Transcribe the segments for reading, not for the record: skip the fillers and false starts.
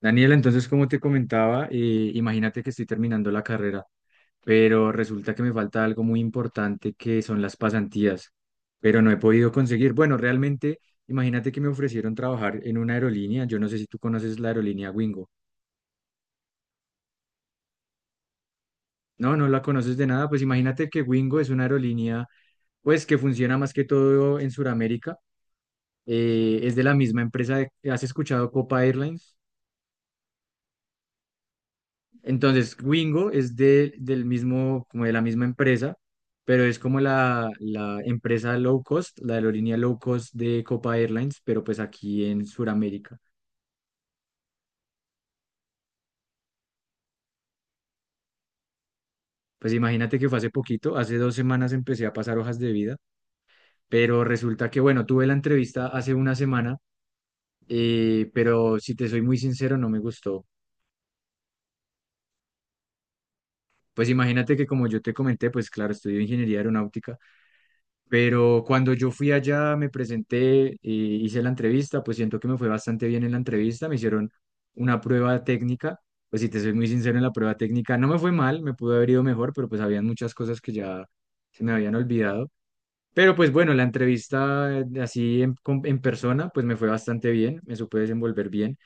Daniela, entonces, como te comentaba, imagínate que estoy terminando la carrera, pero resulta que me falta algo muy importante que son las pasantías, pero no he podido conseguir. Bueno, realmente, imagínate que me ofrecieron trabajar en una aerolínea. Yo no sé si tú conoces la aerolínea Wingo. No, no la conoces de nada. Pues imagínate que Wingo es una aerolínea, pues que funciona más que todo en Sudamérica. Es de la misma empresa. ¿Has escuchado Copa Airlines? Entonces, Wingo es del mismo, como de la misma empresa, pero es como la empresa low cost, la aerolínea low cost de Copa Airlines, pero pues aquí en Sudamérica. Pues imagínate que fue hace poquito, hace dos semanas empecé a pasar hojas de vida, pero resulta que, bueno, tuve la entrevista hace una semana, pero si te soy muy sincero, no me gustó. Pues imagínate que como yo te comenté, pues claro, estudio ingeniería aeronáutica. Pero cuando yo fui allá, me presenté y hice la entrevista, pues siento que me fue bastante bien en la entrevista, me hicieron una prueba técnica. Pues si te soy muy sincero, en la prueba técnica no me fue mal, me pudo haber ido mejor, pero pues habían muchas cosas que ya se me habían olvidado. Pero pues bueno, la entrevista así en persona, pues me fue bastante bien, me supe desenvolver bien,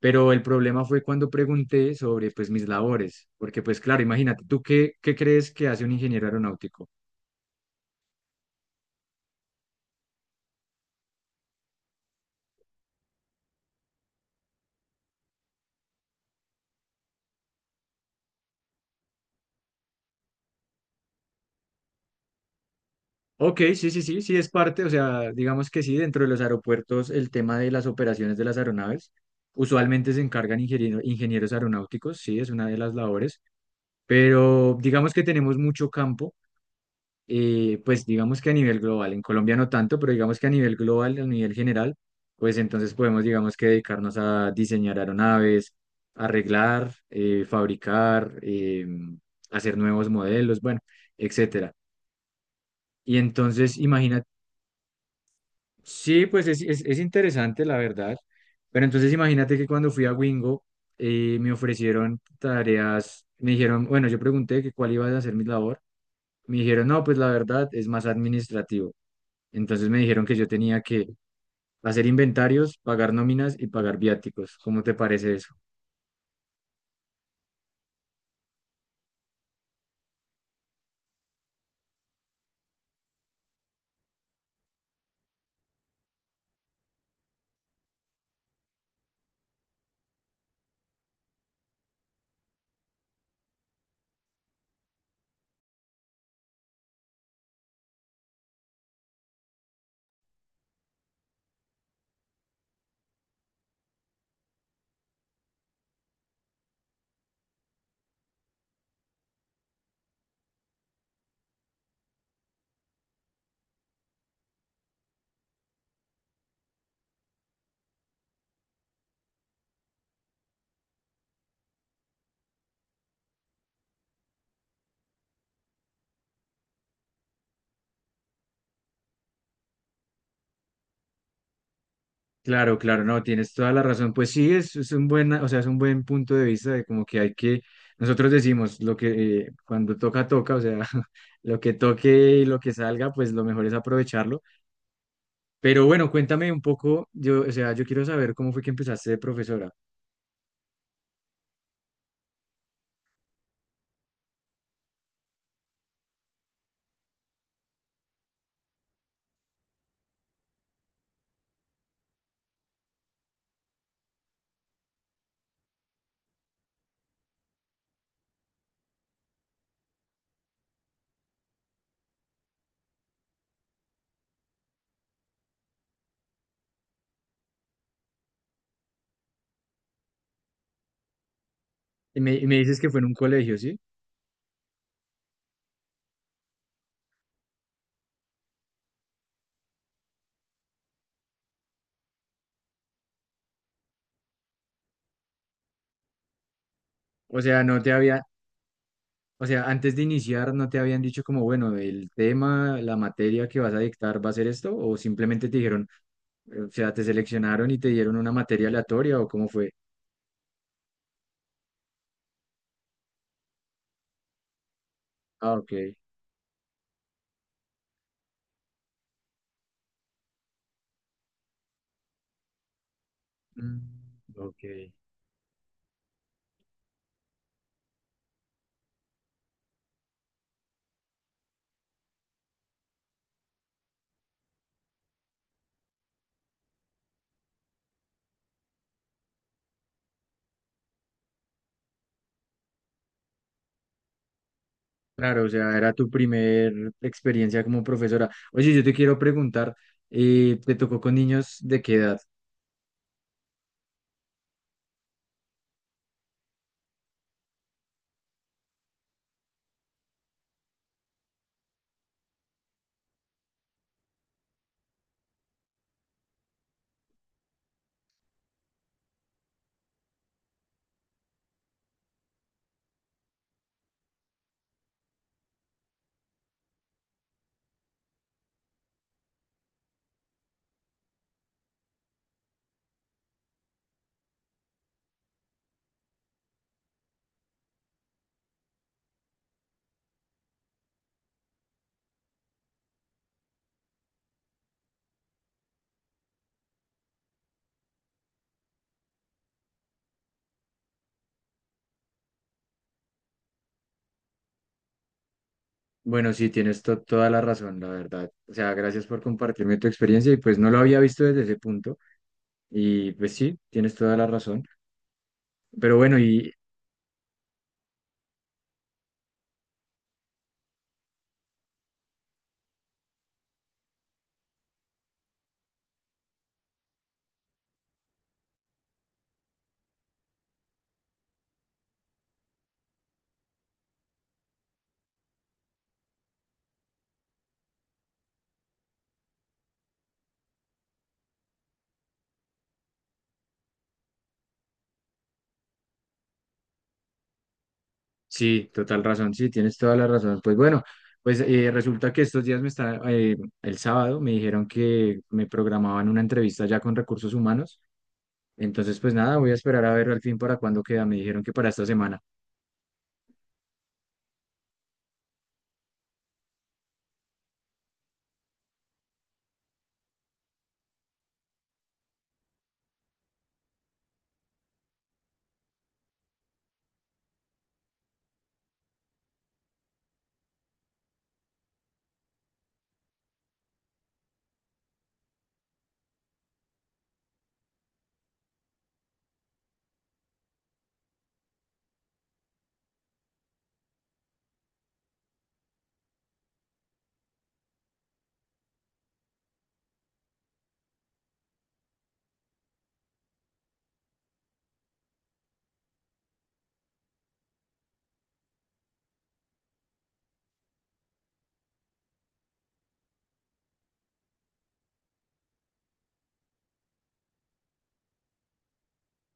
pero el problema fue cuando pregunté sobre pues mis labores, porque pues claro, imagínate, ¿tú qué crees que hace un ingeniero aeronáutico? Ok, sí, sí, sí, sí es parte, o sea, digamos que sí, dentro de los aeropuertos el tema de las operaciones de las aeronaves, usualmente se encargan ingenieros aeronáuticos, sí, es una de las labores, pero digamos que tenemos mucho campo. Pues digamos que a nivel global, en Colombia no tanto, pero digamos que a nivel global, a nivel general, pues entonces podemos, digamos que dedicarnos a diseñar aeronaves, arreglar, fabricar, hacer nuevos modelos, bueno, etcétera. Y entonces, sí, pues es interesante, la verdad. Pero entonces imagínate que cuando fui a Wingo, me ofrecieron tareas, me dijeron, bueno, yo pregunté que cuál iba a ser mi labor, me dijeron, no, pues la verdad es más administrativo. Entonces me dijeron que yo tenía que hacer inventarios, pagar nóminas y pagar viáticos. ¿Cómo te parece eso? Claro, claro, no, tienes toda la razón. Pues sí, es un buen, o sea, es un buen punto de vista de como que hay que, nosotros decimos lo que cuando toca, toca, o sea, lo que toque y lo que salga, pues lo mejor es aprovecharlo. Pero bueno, cuéntame un poco, yo, o sea, yo quiero saber cómo fue que empezaste de profesora. Y me dices que fue en un colegio, ¿sí? O sea, no te había, o sea, antes de iniciar no te habían dicho como, bueno, el tema, la materia que vas a dictar va a ser esto, o simplemente te dijeron, o sea, te seleccionaron y te dieron una materia aleatoria, o cómo fue. Ah, ok. Mm, ok. Claro, o sea, era tu primer experiencia como profesora. Oye, yo te quiero preguntar, ¿te tocó con niños de qué edad? Bueno, sí, tienes toda la razón, la verdad. O sea, gracias por compartirme tu experiencia y pues no lo había visto desde ese punto. Y pues sí, tienes toda la razón. Pero bueno, y sí, total razón, sí, tienes toda la razón. Pues bueno, pues resulta que estos días me está, el sábado me dijeron que me programaban una entrevista ya con recursos humanos. Entonces, pues nada, voy a esperar a ver al fin para cuándo queda. Me dijeron que para esta semana.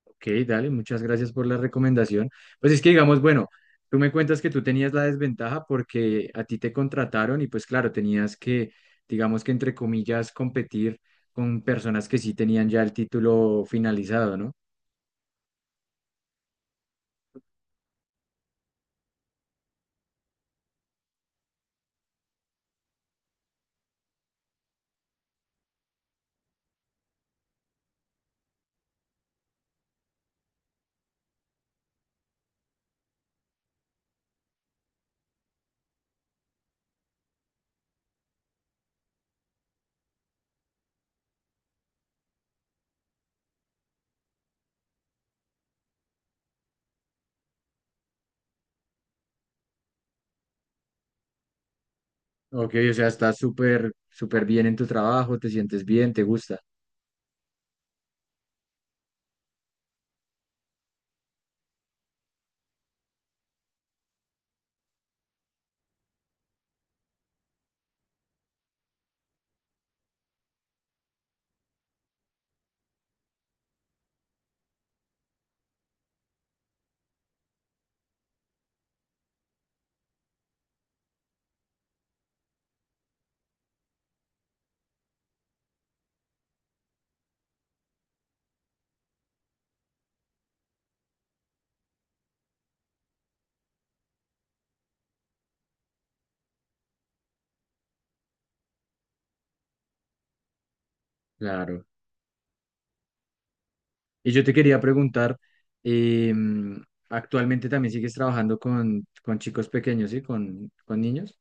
Ok, dale, muchas gracias por la recomendación. Pues es que digamos, bueno, tú me cuentas que tú tenías la desventaja porque a ti te contrataron y pues claro, tenías que, digamos que entre comillas, competir con personas que sí tenían ya el título finalizado, ¿no? Ok, o sea, estás súper, súper bien en tu trabajo, te sientes bien, te gusta. Claro. Y yo te quería preguntar, em, actualmente también sigues trabajando con chicos pequeños, ¿sí? Con niños.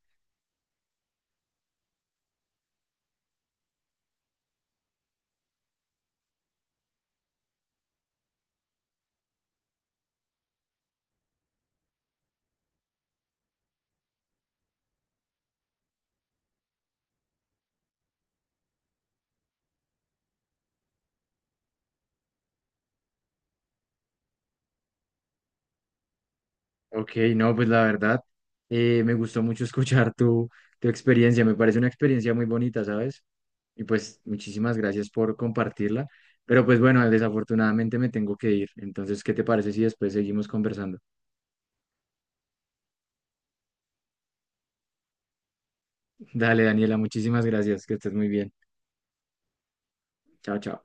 Ok, no, pues la verdad, me gustó mucho escuchar tu, tu experiencia, me parece una experiencia muy bonita, ¿sabes? Y pues muchísimas gracias por compartirla, pero pues bueno, desafortunadamente me tengo que ir, entonces, ¿qué te parece si después seguimos conversando? Dale, Daniela, muchísimas gracias, que estés muy bien. Chao, chao.